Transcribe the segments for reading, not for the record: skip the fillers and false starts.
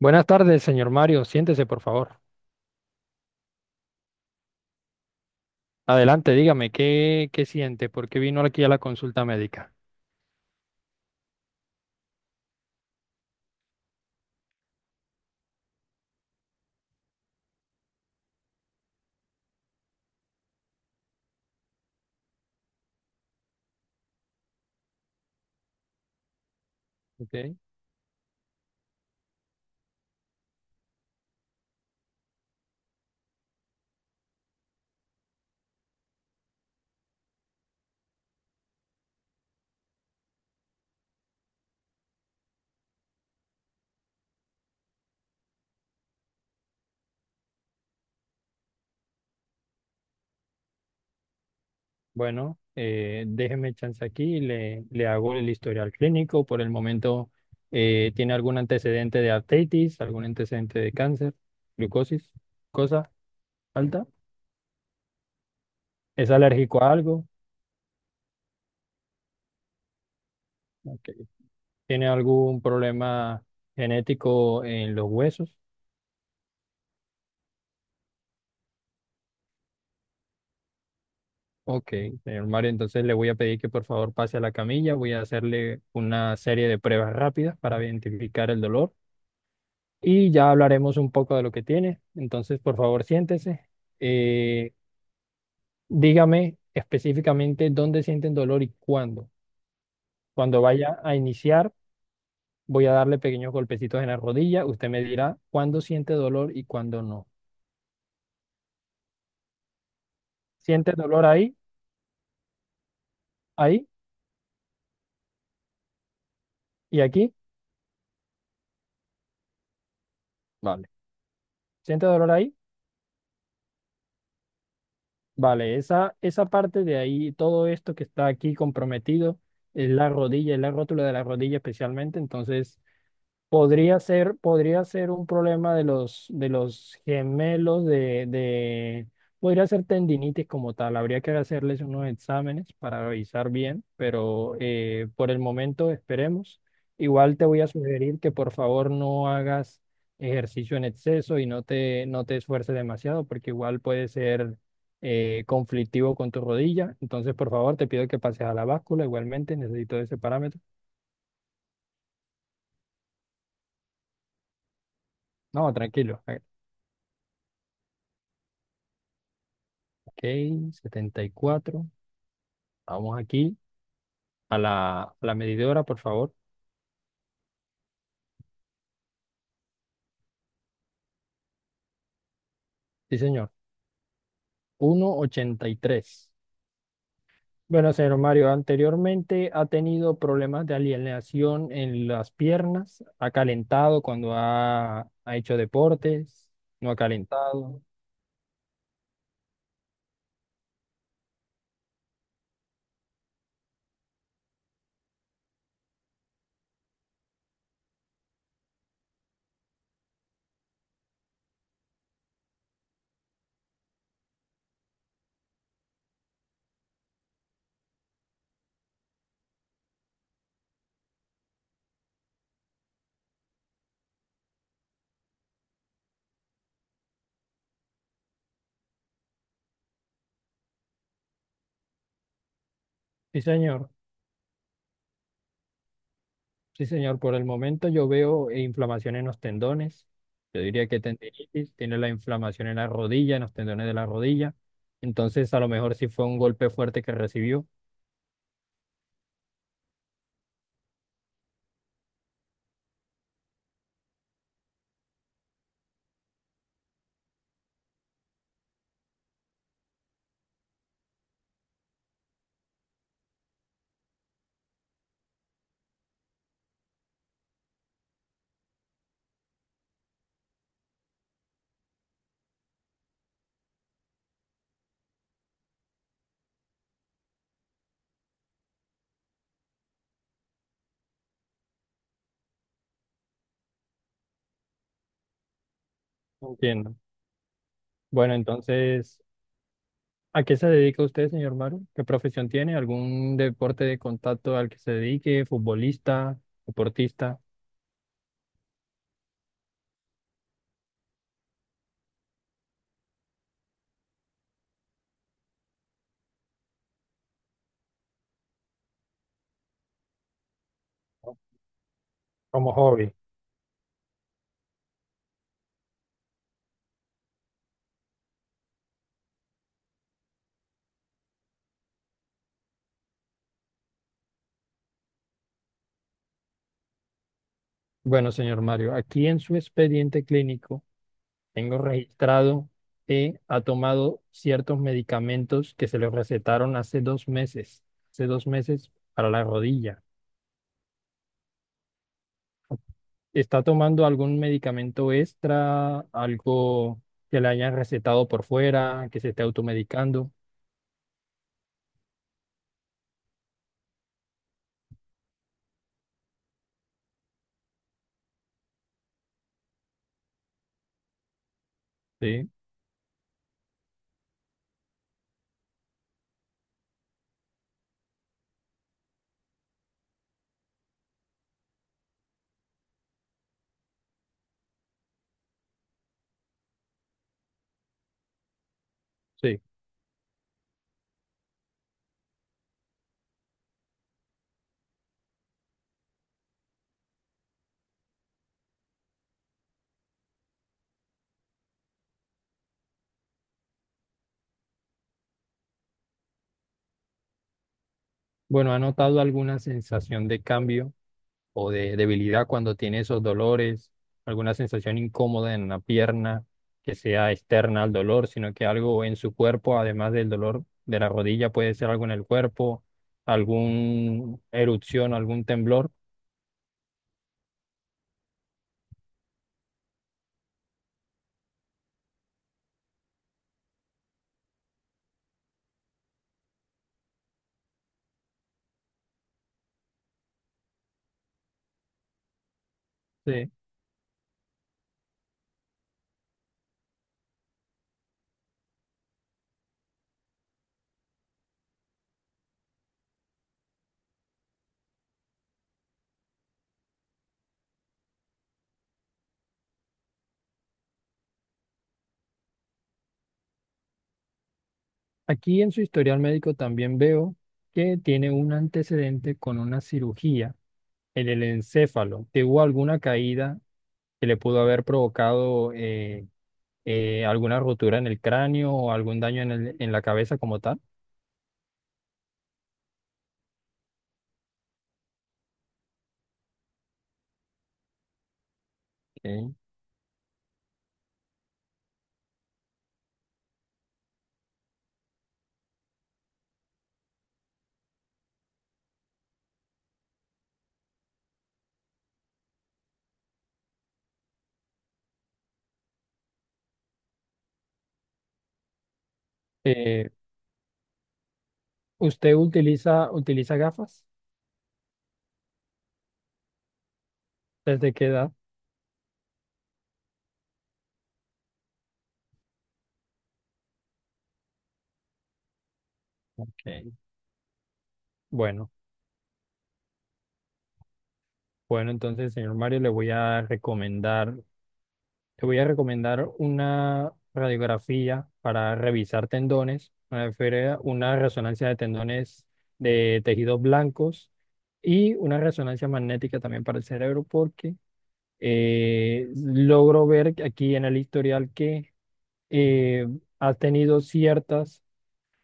Buenas tardes, señor Mario. Siéntese, por favor. Adelante, dígame, ¿qué siente? ¿Por qué vino aquí a la consulta médica? Ok. Bueno, déjeme chance aquí, le hago el historial clínico. Por el momento, ¿tiene algún antecedente de artritis, algún antecedente de cáncer, glucosis, cosa alta? ¿Es alérgico a algo? Ok. ¿Tiene algún problema genético en los huesos? Ok, señor Mario, entonces le voy a pedir que por favor pase a la camilla, voy a hacerle una serie de pruebas rápidas para identificar el dolor y ya hablaremos un poco de lo que tiene. Entonces, por favor, siéntese. Eh, Dígame específicamente dónde sienten dolor y cuándo. Cuando vaya a iniciar, voy a darle pequeños golpecitos en la rodilla. Usted me dirá cuándo siente dolor y cuándo no. ¿Siente dolor ahí, ahí y aquí? Vale. ¿Siente dolor ahí? Vale, esa parte de ahí, todo esto que está aquí comprometido, es la rodilla, es la rótula de la rodilla especialmente. Entonces, podría ser un problema de los gemelos, podría ser tendinitis como tal. Habría que hacerles unos exámenes para revisar bien, pero por el momento esperemos. Igual te voy a sugerir que por favor no hagas ejercicio en exceso y no te esfuerces demasiado, porque igual puede ser conflictivo con tu rodilla. Entonces, por favor, te pido que pases a la báscula. Igualmente necesito ese parámetro. No, tranquilo. Ok, 74. Vamos aquí a la medidora, por favor. Sí, señor. 1,83. Bueno, señor Mario, anteriormente ha tenido problemas de alienación en las piernas. Ha calentado cuando ha hecho deportes. No ha calentado. Sí, señor. Sí, señor. Por el momento yo veo inflamación en los tendones. Yo diría que tendinitis. Tiene la inflamación en la rodilla, en los tendones de la rodilla. Entonces, a lo mejor sí fue un golpe fuerte que recibió. Entiendo. Bueno, entonces, ¿a qué se dedica usted, señor Maru? ¿Qué profesión tiene? ¿Algún deporte de contacto al que se dedique? ¿Futbolista? ¿Deportista? Como hobby. Bueno, señor Mario, aquí en su expediente clínico tengo registrado que ha tomado ciertos medicamentos que se le recetaron hace dos meses para la rodilla. ¿Está tomando algún medicamento extra, algo que le hayan recetado por fuera, que se esté automedicando? Sí. Sí. Bueno, ¿ha notado alguna sensación de cambio o de debilidad cuando tiene esos dolores? ¿Alguna sensación incómoda en la pierna que sea externa al dolor, sino que algo en su cuerpo, además del dolor de la rodilla, puede ser algo en el cuerpo, alguna erupción, algún temblor? Sí. Aquí en su historial médico también veo que tiene un antecedente con una cirugía en el encéfalo. ¿Tuvo alguna caída que le pudo haber provocado alguna rotura en el cráneo o algún daño en la cabeza como tal? Ok. Eh, ¿Usted utiliza gafas? ¿Desde qué edad? Ok. Bueno, bueno, entonces, señor Mario, le voy a recomendar una radiografía para revisar tendones, una resonancia de tendones de tejidos blancos y una resonancia magnética también para el cerebro, porque logro ver aquí en el historial que eh, ha tenido ciertas,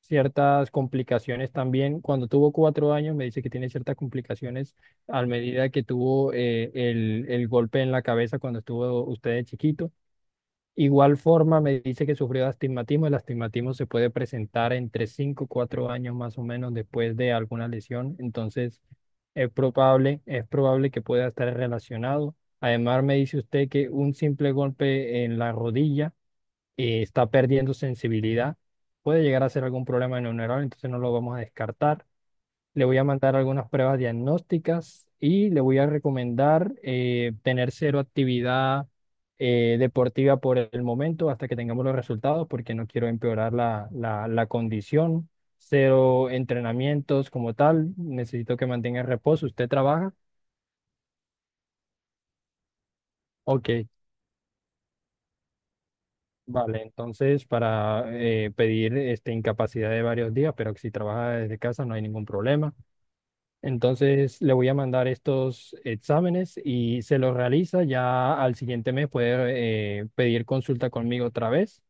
ciertas complicaciones también. Cuando tuvo 4 años, me dice que tiene ciertas complicaciones a medida que tuvo el golpe en la cabeza cuando estuvo usted de chiquito. Igual forma, me dice que sufrió de astigmatismo. El astigmatismo se puede presentar entre 5 o 4 años más o menos después de alguna lesión. Entonces, es probable que pueda estar relacionado. Además, me dice usted que un simple golpe en la rodilla y está perdiendo sensibilidad, puede llegar a ser algún problema neuronal, entonces no lo vamos a descartar. Le voy a mandar algunas pruebas diagnósticas y le voy a recomendar tener cero actividad deportiva por el momento hasta que tengamos los resultados, porque no quiero empeorar la condición. Cero entrenamientos como tal, necesito que mantenga reposo. ¿Usted trabaja? Ok. Vale, entonces para pedir este, incapacidad de varios días, pero que si trabaja desde casa no hay ningún problema. Entonces le voy a mandar estos exámenes y se los realiza. Ya al siguiente mes puede pedir consulta conmigo otra vez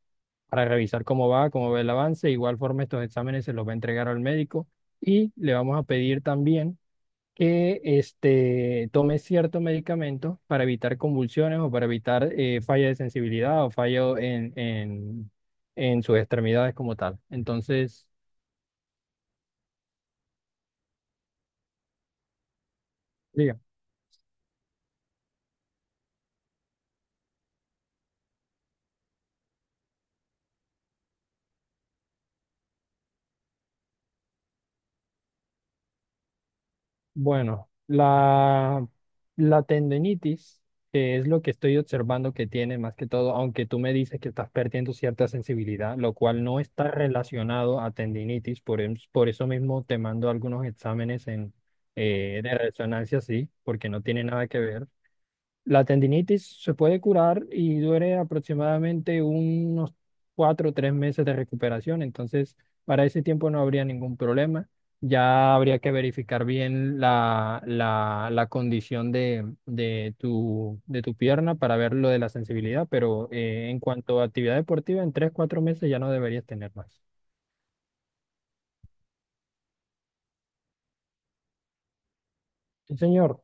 para revisar cómo va el avance. De igual forma, estos exámenes se los va a entregar al médico y le vamos a pedir también que este, tome cierto medicamento para evitar convulsiones o para evitar falla de sensibilidad o fallo en sus extremidades como tal. Entonces, diga, bueno, la tendinitis, que es lo que estoy observando que tiene más que todo, aunque tú me dices que estás perdiendo cierta sensibilidad, lo cual no está relacionado a tendinitis, por eso mismo te mando algunos exámenes de resonancia, sí, porque no tiene nada que ver. La tendinitis se puede curar y dure aproximadamente unos 4 o 3 meses de recuperación, entonces para ese tiempo no habría ningún problema. Ya habría que verificar bien la condición de tu pierna para ver lo de la sensibilidad, pero en cuanto a actividad deportiva, en 3, 4 meses ya no deberías tener más. Sí, señor.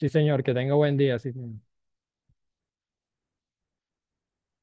Sí, señor. Que tenga buen día. Sí, señor.